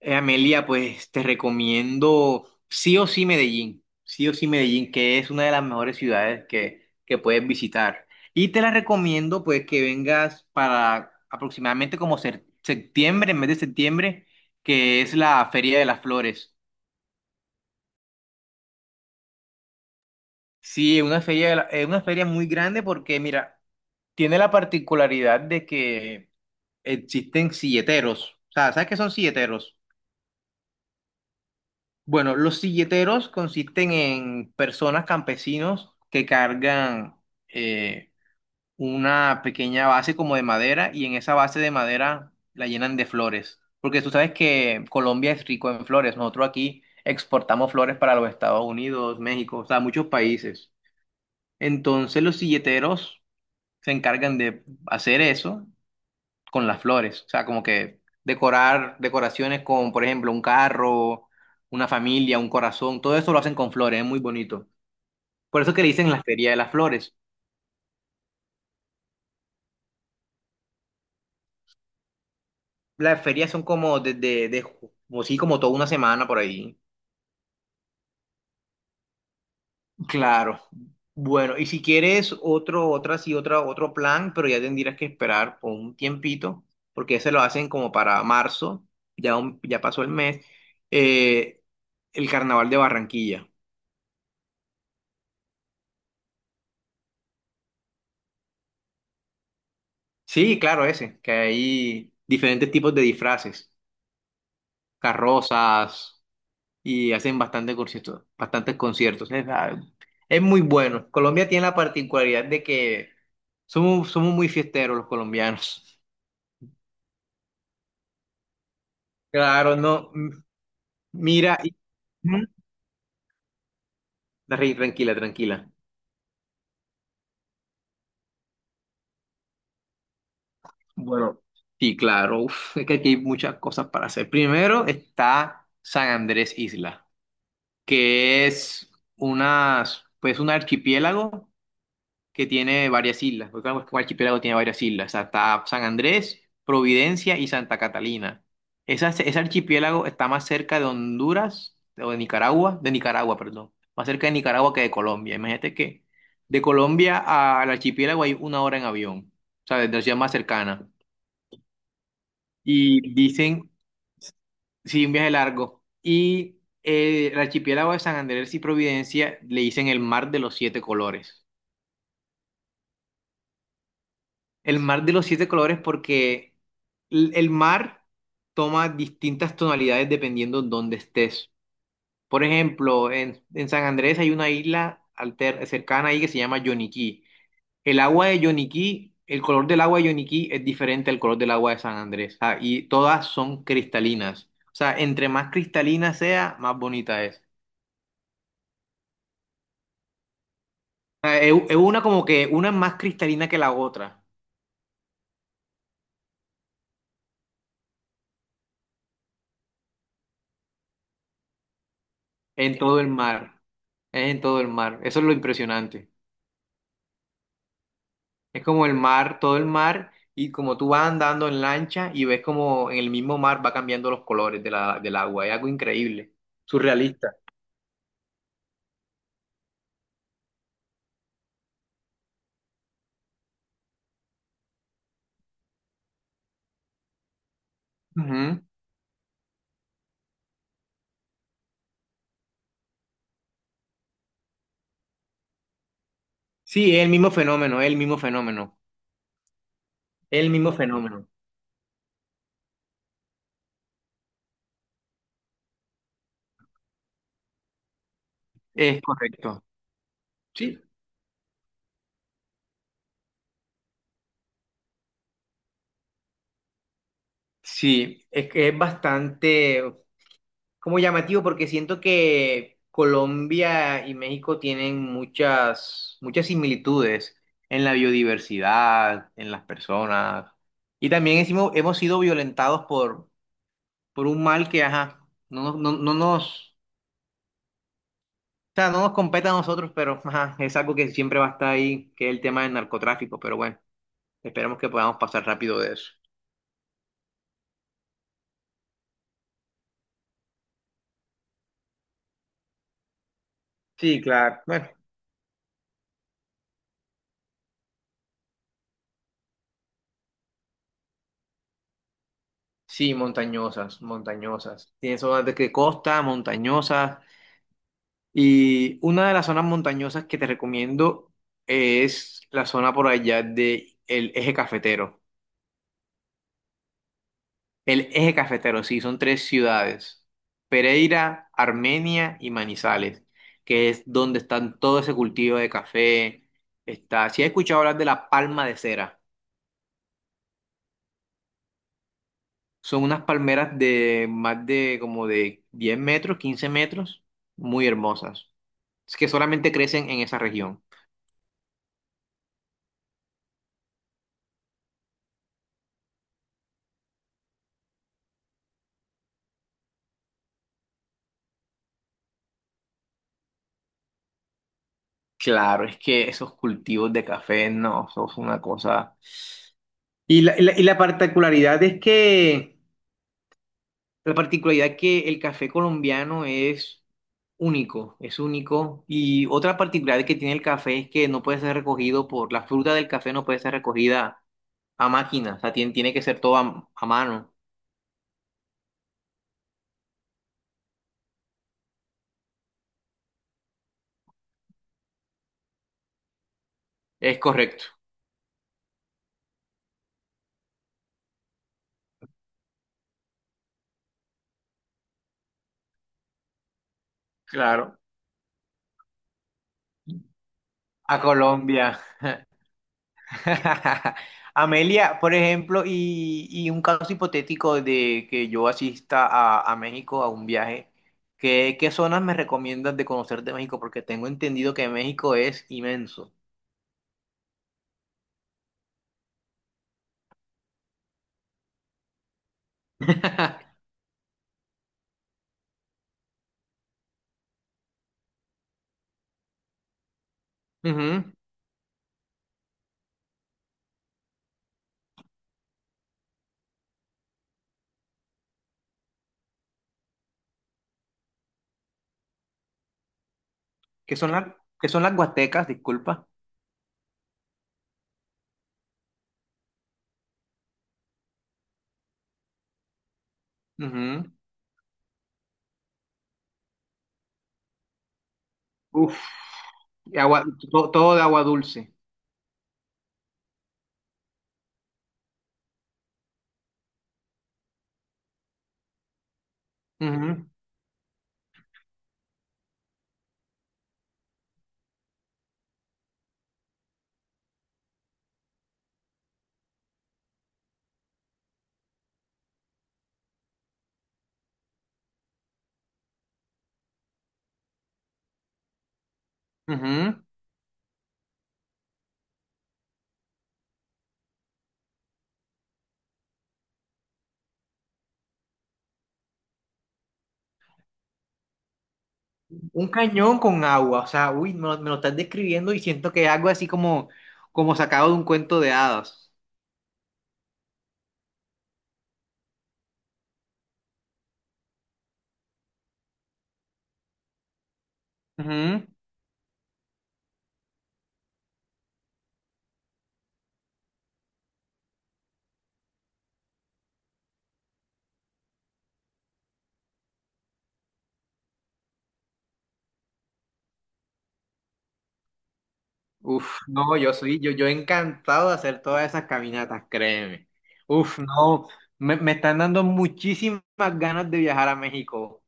Amelia, pues te recomiendo sí o sí Medellín, sí o sí Medellín, que es una de las mejores ciudades que puedes visitar. Y te la recomiendo pues que vengas para aproximadamente septiembre, en mes de septiembre, que es la Feria de las Flores. Sí, es una feria muy grande porque, mira, tiene la particularidad de que existen silleteros. O sea, ¿sabes qué son silleteros? Bueno, los silleteros consisten en personas campesinos que cargan eh, una pequeña base como de madera y en esa base de madera la llenan de flores. Porque tú sabes que Colombia es rico en flores. Nosotros aquí exportamos flores para los Estados Unidos, México, o sea, muchos países. Entonces los silleteros se encargan de hacer eso con las flores, o sea, como que decorar decoraciones con, por ejemplo, un carro, una familia, un corazón, todo eso lo hacen con flores, es muy bonito. Por eso que le dicen la Feria de las Flores. Las ferias son como desde, de- ju- como sí, como toda una semana por ahí. Claro. Bueno, y si quieres otro, otra, sí, otra, otro plan, pero ya tendrías que esperar por un tiempito, porque ese lo hacen como para marzo, ya, ya pasó el mes, eh, el Carnaval de Barranquilla. Sí, claro, ese, que hay diferentes tipos de disfraces, carrozas, y hacen bastante conciertos, bastantes conciertos. Es muy bueno. Colombia tiene la particularidad de que somos muy fiesteros los colombianos. Claro, no, mira. Ujú. Darry, tranquila, tranquila. Bueno, sí, claro, uf, es que aquí hay muchas cosas para hacer. Primero está San Andrés Isla, que es unas, pues un archipiélago que tiene varias islas, porque claro, es que un archipiélago tiene varias islas, o sea, está San Andrés, Providencia y Santa Catalina. Ese archipiélago está más cerca de Honduras, o de Nicaragua, perdón, más cerca de Nicaragua que de Colombia. Imagínate que de Colombia al archipiélago hay una hora en avión, o sea, desde la ciudad más cercana. Y dicen, sí, un viaje largo. Y el archipiélago de San Andrés y Providencia le dicen el mar de los siete colores. El mar de los siete colores porque el mar toma distintas tonalidades dependiendo dónde estés. Por ejemplo, en San Andrés hay una isla cercana ahí que se llama Yoniquí. El agua de Yoniquí, el color del agua de Yoniquí es diferente al color del agua de San Andrés. Ah, y todas son cristalinas. O sea, entre más cristalina sea, más bonita es. O sea, es una como que una es más cristalina que la otra en todo el mar. Es en todo el mar. Eso es lo impresionante. Es como el mar, todo el mar, y como tú vas andando en lancha y ves como en el mismo mar va cambiando los colores de la, del agua. Es algo increíble, surrealista. Ujú. Sí, es el mismo fenómeno, es el mismo fenómeno, es el mismo fenómeno. Es correcto. Sí. Sí, es que es bastante como llamativo porque siento que Colombia y México tienen muchas, muchas similitudes en la biodiversidad, en las personas. Y también hemos sido violentados por un mal que, ajá, no, no nos, o sea, no nos compete a nosotros, pero ajá, es algo que siempre va a estar ahí, que es el tema del narcotráfico. Pero bueno, esperemos que podamos pasar rápido de eso. Sí, claro. Bueno, sí, montañosas, montañosas. Tiene zonas de que costa, montañosas. Y una de las zonas montañosas que te recomiendo es la zona por allá de el Eje Cafetero. El Eje Cafetero, sí, son tres ciudades, Pereira, Armenia y Manizales, que es donde están todo ese cultivo de café. Está, si has escuchado hablar de la palma de cera, son unas palmeras de más de como de 10 metros, 15 metros, muy hermosas, es que solamente crecen en esa región. Claro, es que esos cultivos de café no, son una cosa. Y la particularidad que el café colombiano es único, es único. Y otra particularidad que tiene el café es que no puede ser recogido por, la fruta del café no puede ser recogida a máquina, o sea, tiene que ser todo a mano. Es correcto. Claro. A Colombia. Amelia, por ejemplo, y un caso hipotético de que yo asista a México a un viaje, ¿qué zonas me recomiendas de conocer de México? Porque tengo entendido que México es inmenso. Ujú. ¿Qué son las, qué son las Huastecas? Disculpa. Ujú. Uf, y agua, todo de agua dulce. Ujú, ujú. Un cañón con agua, o sea, uy, me lo estás describiendo y siento que es algo así como sacado de un cuento de hadas. Ujú. Uf, no, yo encantado de hacer todas esas caminatas, créeme. Uf, no, me están dando muchísimas ganas de viajar a México.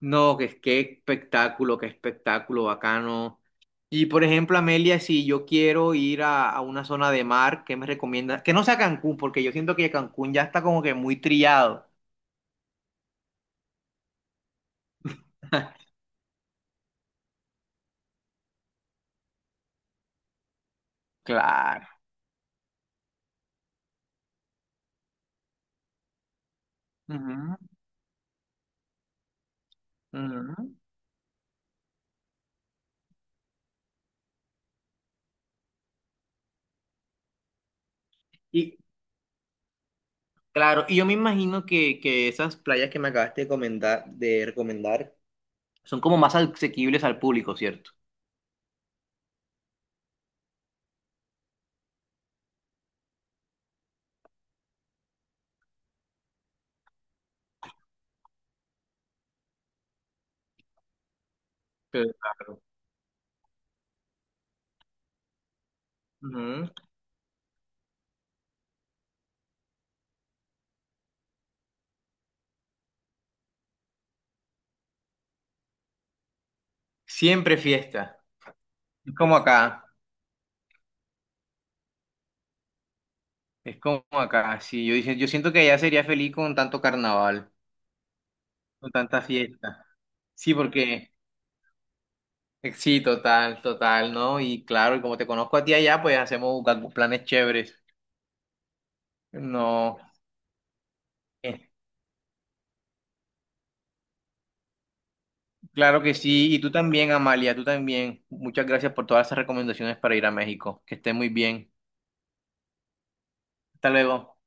No, que qué espectáculo bacano. Y por ejemplo, Amelia, si yo quiero ir a una zona de mar, ¿qué me recomiendas? Que no sea Cancún, porque yo siento que Cancún ya está como que muy trillado. Claro. Ujú, ujú. Y claro, y yo me imagino que esas playas que me acabaste de comentar, de recomendar son como más asequibles al público, ¿cierto? Pero, claro. Ujú. Siempre fiesta. Es como acá. Es como acá. Sí, yo dije, yo siento que allá sería feliz con tanto carnaval, con tanta fiesta. Sí, porque sí, total, total, ¿no? Y claro, y como te conozco a ti allá, pues hacemos planes chéveres. No. eh, Claro que sí, y tú también, Amalia, tú también. Muchas gracias por todas esas recomendaciones para ir a México. Que estés muy bien. Hasta luego.